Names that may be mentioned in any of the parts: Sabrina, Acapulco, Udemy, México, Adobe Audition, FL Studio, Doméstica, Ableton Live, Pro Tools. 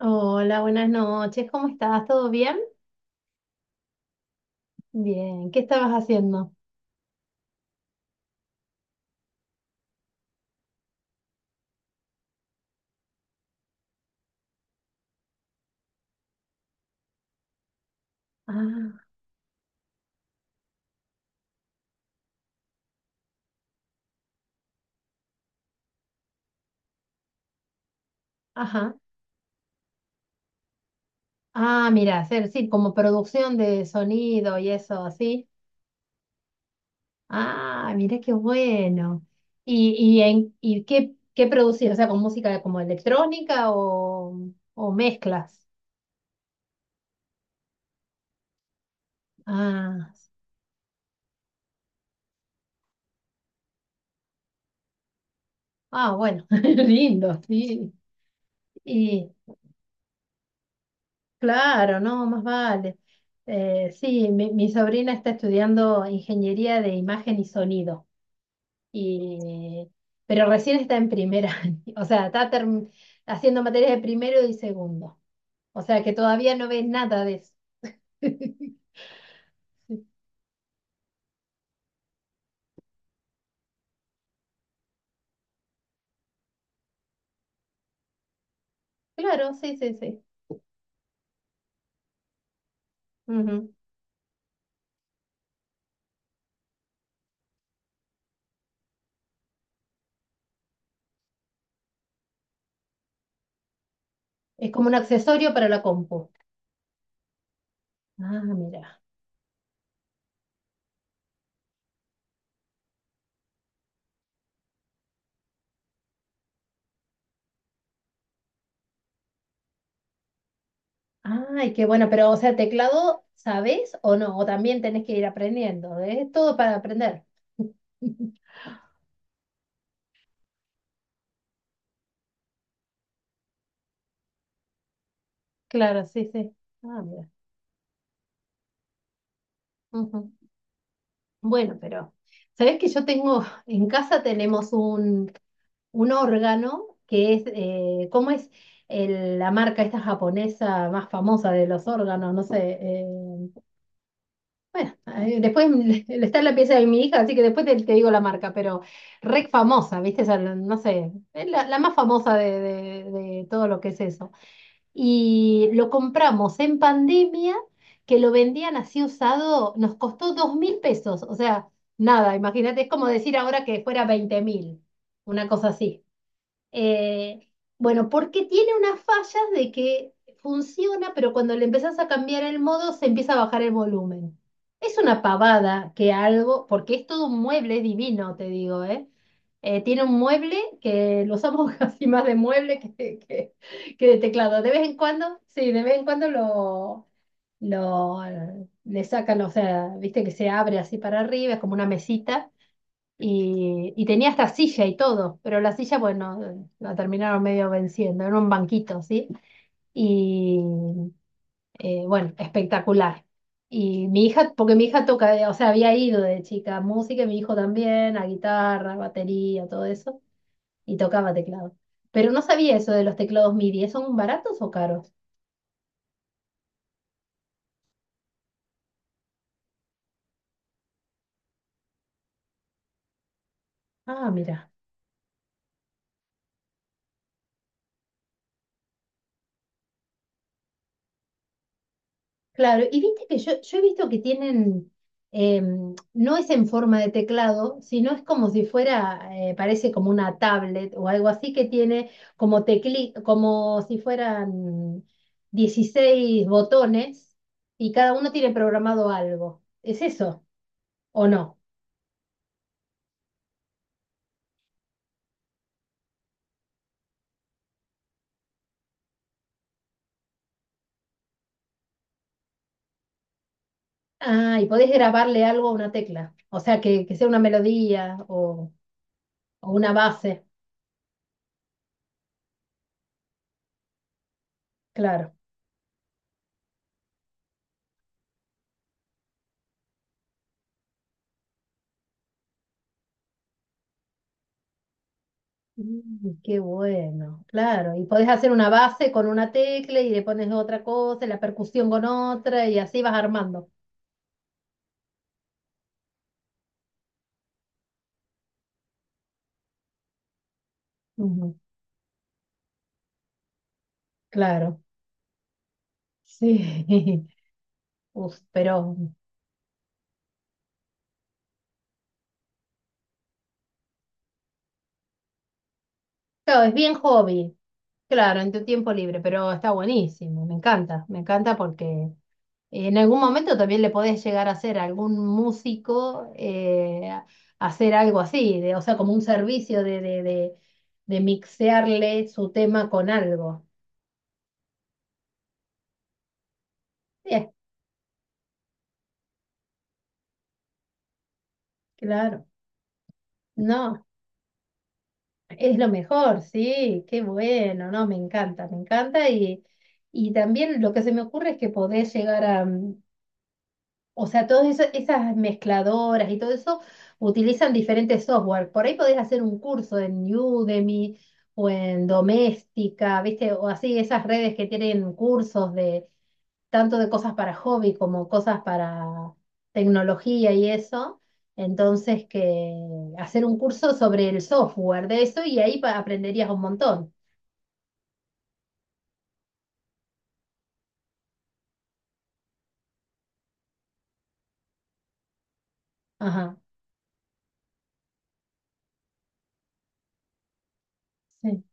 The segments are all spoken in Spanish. Hola, buenas noches. ¿Cómo estás? ¿Todo bien? Bien. ¿Qué estabas haciendo? Ah, ajá. Ah, mira, hacer, sí, como producción de sonido y eso, así. Ah, mira qué bueno. ¿Y qué producís? O sea, con música como electrónica o mezclas. Ah, ah, bueno, lindo, sí. Y claro, no, más vale. Sí, mi sobrina está estudiando ingeniería de imagen y sonido. Y, pero recién está en primera, o sea, está haciendo materias de primero y segundo. O sea que todavía no ves nada de eso. Claro, sí, sí, sí. Ujú. Es como un accesorio para la compu. Ah, mira. Ay, qué bueno, pero o sea, teclado, ¿sabés o no? O también tenés que ir aprendiendo. ¿Eh? Es todo para aprender. Claro, sí, sí. Ah, mira. Ujú. Bueno, pero ¿sabés que yo tengo, en casa tenemos un órgano que es, ¿cómo es la marca esta japonesa más famosa de los órganos? No sé. Bueno, después está en la pieza de mi hija, así que después te, digo la marca, pero rec famosa, ¿viste? Esa, no sé, es la, más famosa de todo lo que es eso. Y lo compramos en pandemia, que lo vendían así usado, nos costó 2.000 pesos, o sea, nada, imagínate, es como decir ahora que fuera 20.000, una cosa así. Eh, bueno, porque tiene unas fallas de que funciona, pero cuando le empezás a cambiar el modo se empieza a bajar el volumen. Es una pavada que algo, porque es todo un mueble divino, te digo, ¿eh? Tiene un mueble que lo usamos casi más de mueble que, que de teclado. De vez en cuando, sí, de vez en cuando lo, lo le sacan, o sea, viste que se abre así para arriba, es como una mesita y, tenía hasta silla y todo, pero la silla, bueno, la terminaron medio venciendo, era un banquito, ¿sí? Y bueno, espectacular. Y mi hija, porque mi hija toca, o sea, había ido de chica a música, y mi hijo también, a guitarra, batería, todo eso, y tocaba teclado. Pero no sabía eso de los teclados MIDI, ¿son baratos o caros? Ah, mira. Claro, y viste que yo, he visto que tienen, no es en forma de teclado, sino es como si fuera, parece como una tablet o algo así que tiene como si fueran 16 botones y cada uno tiene programado algo. ¿Es eso o no? Ah, y podés grabarle algo a una tecla, o sea, que sea una melodía o, una base. Claro. Mm, qué bueno, claro. Y podés hacer una base con una tecla y le pones otra cosa, y la percusión con otra, y así vas armando. Ujú. Claro, sí. Uf, pero claro, es bien hobby, claro, en tu tiempo libre, pero está buenísimo, me encanta porque en algún momento también le podés llegar a hacer a algún músico, hacer algo así, de, o sea, como un servicio de, de mixearle su tema con algo. Sí. Claro, no, es lo mejor, sí, qué bueno, no, me encanta y, también lo que se me ocurre es que podés llegar a, o sea, todas esas mezcladoras y todo eso utilizan diferentes software, por ahí podés hacer un curso en Udemy o en Doméstica, ¿viste? O así, esas redes que tienen cursos tanto de cosas para hobby como cosas para tecnología y eso. Entonces, que hacer un curso sobre el software de eso y ahí aprenderías un montón. Ajá, sí.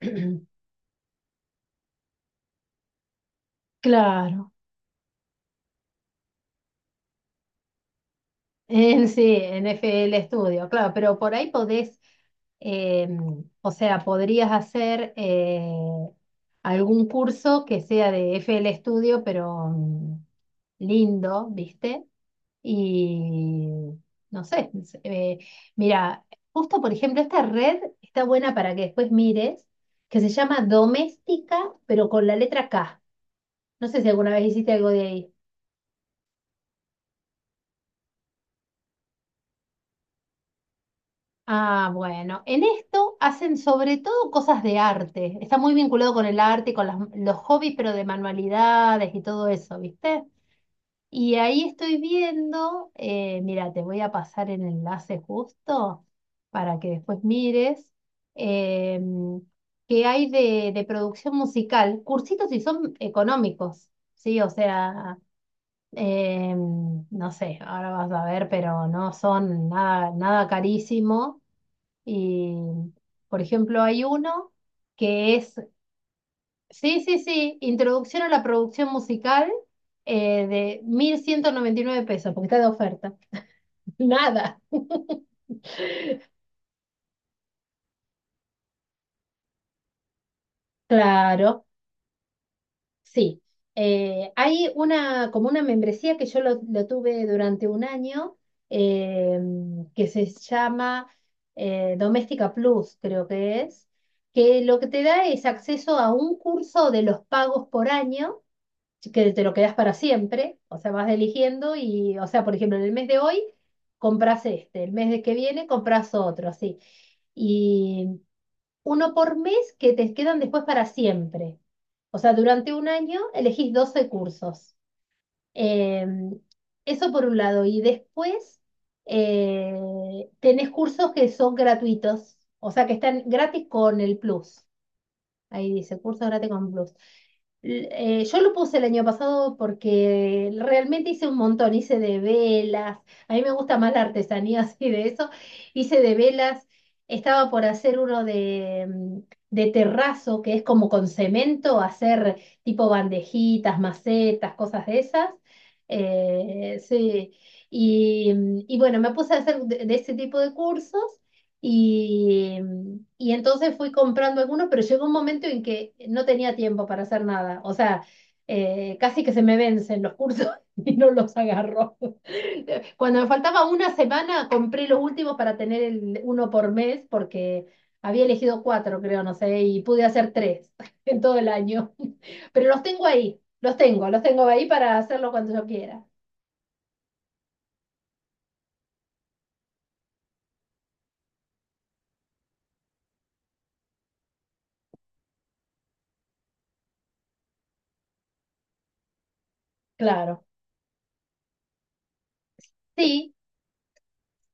Claro. En sí, en FL Studio, claro, pero por ahí podés, eh, o sea, podrías hacer algún curso que sea de FL Studio, pero lindo, ¿viste? Y no sé, mira, justo por ejemplo, esta red está buena para que después mires, que se llama Doméstica, pero con la letra K. No sé si alguna vez hiciste algo de ahí. Ah, bueno, en esto hacen sobre todo cosas de arte. Está muy vinculado con el arte, con los hobbies, pero de manualidades y todo eso, ¿viste? Y ahí estoy viendo, mira, te voy a pasar el enlace justo para que después mires eh, qué hay de, producción musical, cursitos y son económicos, ¿sí? O sea, no sé, ahora vas a ver, pero no son nada, nada carísimo. Y, por ejemplo, hay uno que es, sí, sí, sí, introducción a la producción musical, de 1.199 pesos, porque está de oferta. Nada. Claro, sí. Hay una, como una membresía que yo lo, tuve durante un año, eh, que se llama Doméstica Plus, creo que es, que lo que te da es acceso a un curso de los pagos por año. Sí, que te lo quedas para siempre, o sea, vas eligiendo y, o sea, por ejemplo, en el mes de hoy compras este, el mes de que viene compras otro, así. Y uno por mes que te quedan después para siempre. O sea, durante un año elegís 12 cursos. Eh, Eso por un lado. Y después, tenés cursos que son gratuitos, o sea, que están gratis con el plus. Ahí dice, curso gratis con Plus. Yo lo puse el año pasado porque realmente hice un montón, hice de velas, a mí me gusta más la artesanía así de eso, hice de velas, estaba por hacer uno de, de terrazo, que es como con cemento, hacer tipo bandejitas, macetas, cosas de esas. Sí, y, bueno, me puse a hacer de ese tipo de cursos. Y, y entonces fui comprando algunos, pero llegó un momento en que no tenía tiempo para hacer nada. O sea, casi que se me vencen los cursos y no los agarro. Cuando me faltaba una semana, compré los últimos para tener el uno por mes, porque había elegido cuatro, creo, no sé, y pude hacer tres en todo el año. Pero los tengo ahí, los tengo ahí para hacerlo cuando yo quiera. Claro. Sí.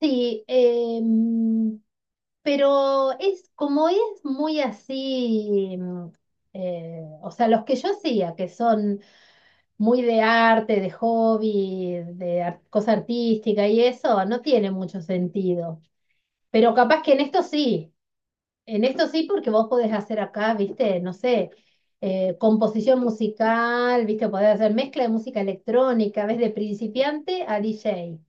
Sí, pero es como es muy así, o sea, los que yo hacía, que son muy de arte, de hobby, cosa artística y eso, no tiene mucho sentido. Pero capaz que en esto sí, porque vos podés hacer acá, viste, no sé, composición musical, viste, podés hacer mezcla de música electrónica, ves de principiante a DJ.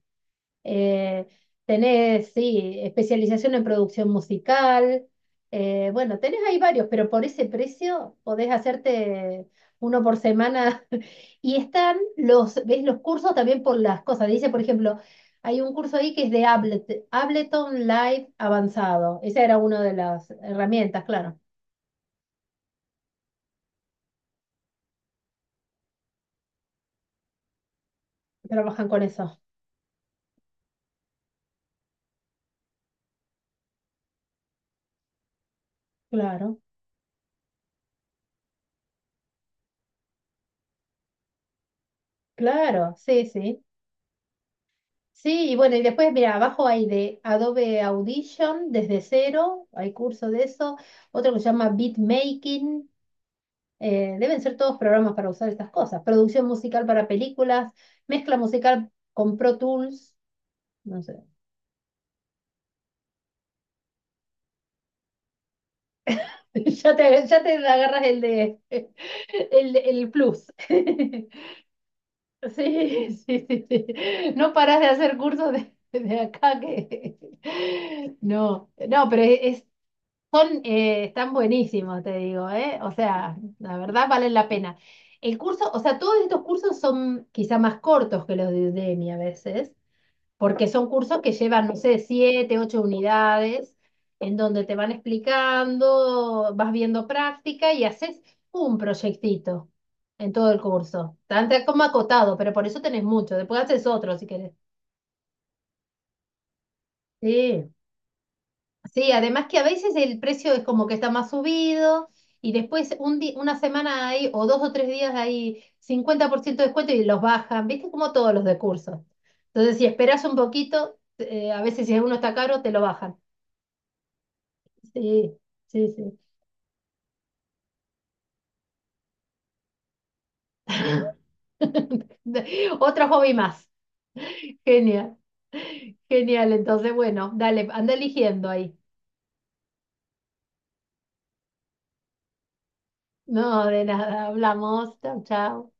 Eh, Tenés, sí, especialización en producción musical. Bueno, tenés ahí varios, pero por ese precio podés hacerte uno por semana. Y están los, ves los cursos también por las cosas. Dice, por ejemplo, hay un curso ahí que es de Ableton Live avanzado. Esa era una de las herramientas, claro. Trabajan con eso. Claro, claro, sí, sí. Sí, y bueno, y después, mira, abajo hay de Adobe Audition desde cero, hay curso de eso, otro que se llama Beatmaking, deben ser todos programas para usar estas cosas, producción musical para películas, mezcla musical con Pro Tools, no sé, ya te, agarras el de el, plus. Sí, sí, sí, sí. No paras de hacer cursos de, acá que... No, no, son, están buenísimos, te digo, ¿eh? O sea, la verdad valen la pena. El curso, o sea, todos estos cursos son quizá más cortos que los de Udemy a veces, porque son cursos que llevan, no sé, siete, ocho unidades, en donde te van explicando, vas viendo práctica y haces un proyectito en todo el curso. Tan como acotado, pero por eso tenés mucho. Después haces otro si querés. Sí. Sí, además que a veces el precio es como que está más subido y después una semana hay o dos o tres días hay 50% de descuento y los bajan, ¿viste? Como todos los de cursos. Entonces, si esperas un poquito, a veces si uno está caro, te lo bajan. Sí, sí, sí. Otro hobby más. Genial, genial. Entonces, bueno, dale, anda eligiendo ahí. No, de nada, hablamos. Chao, chao.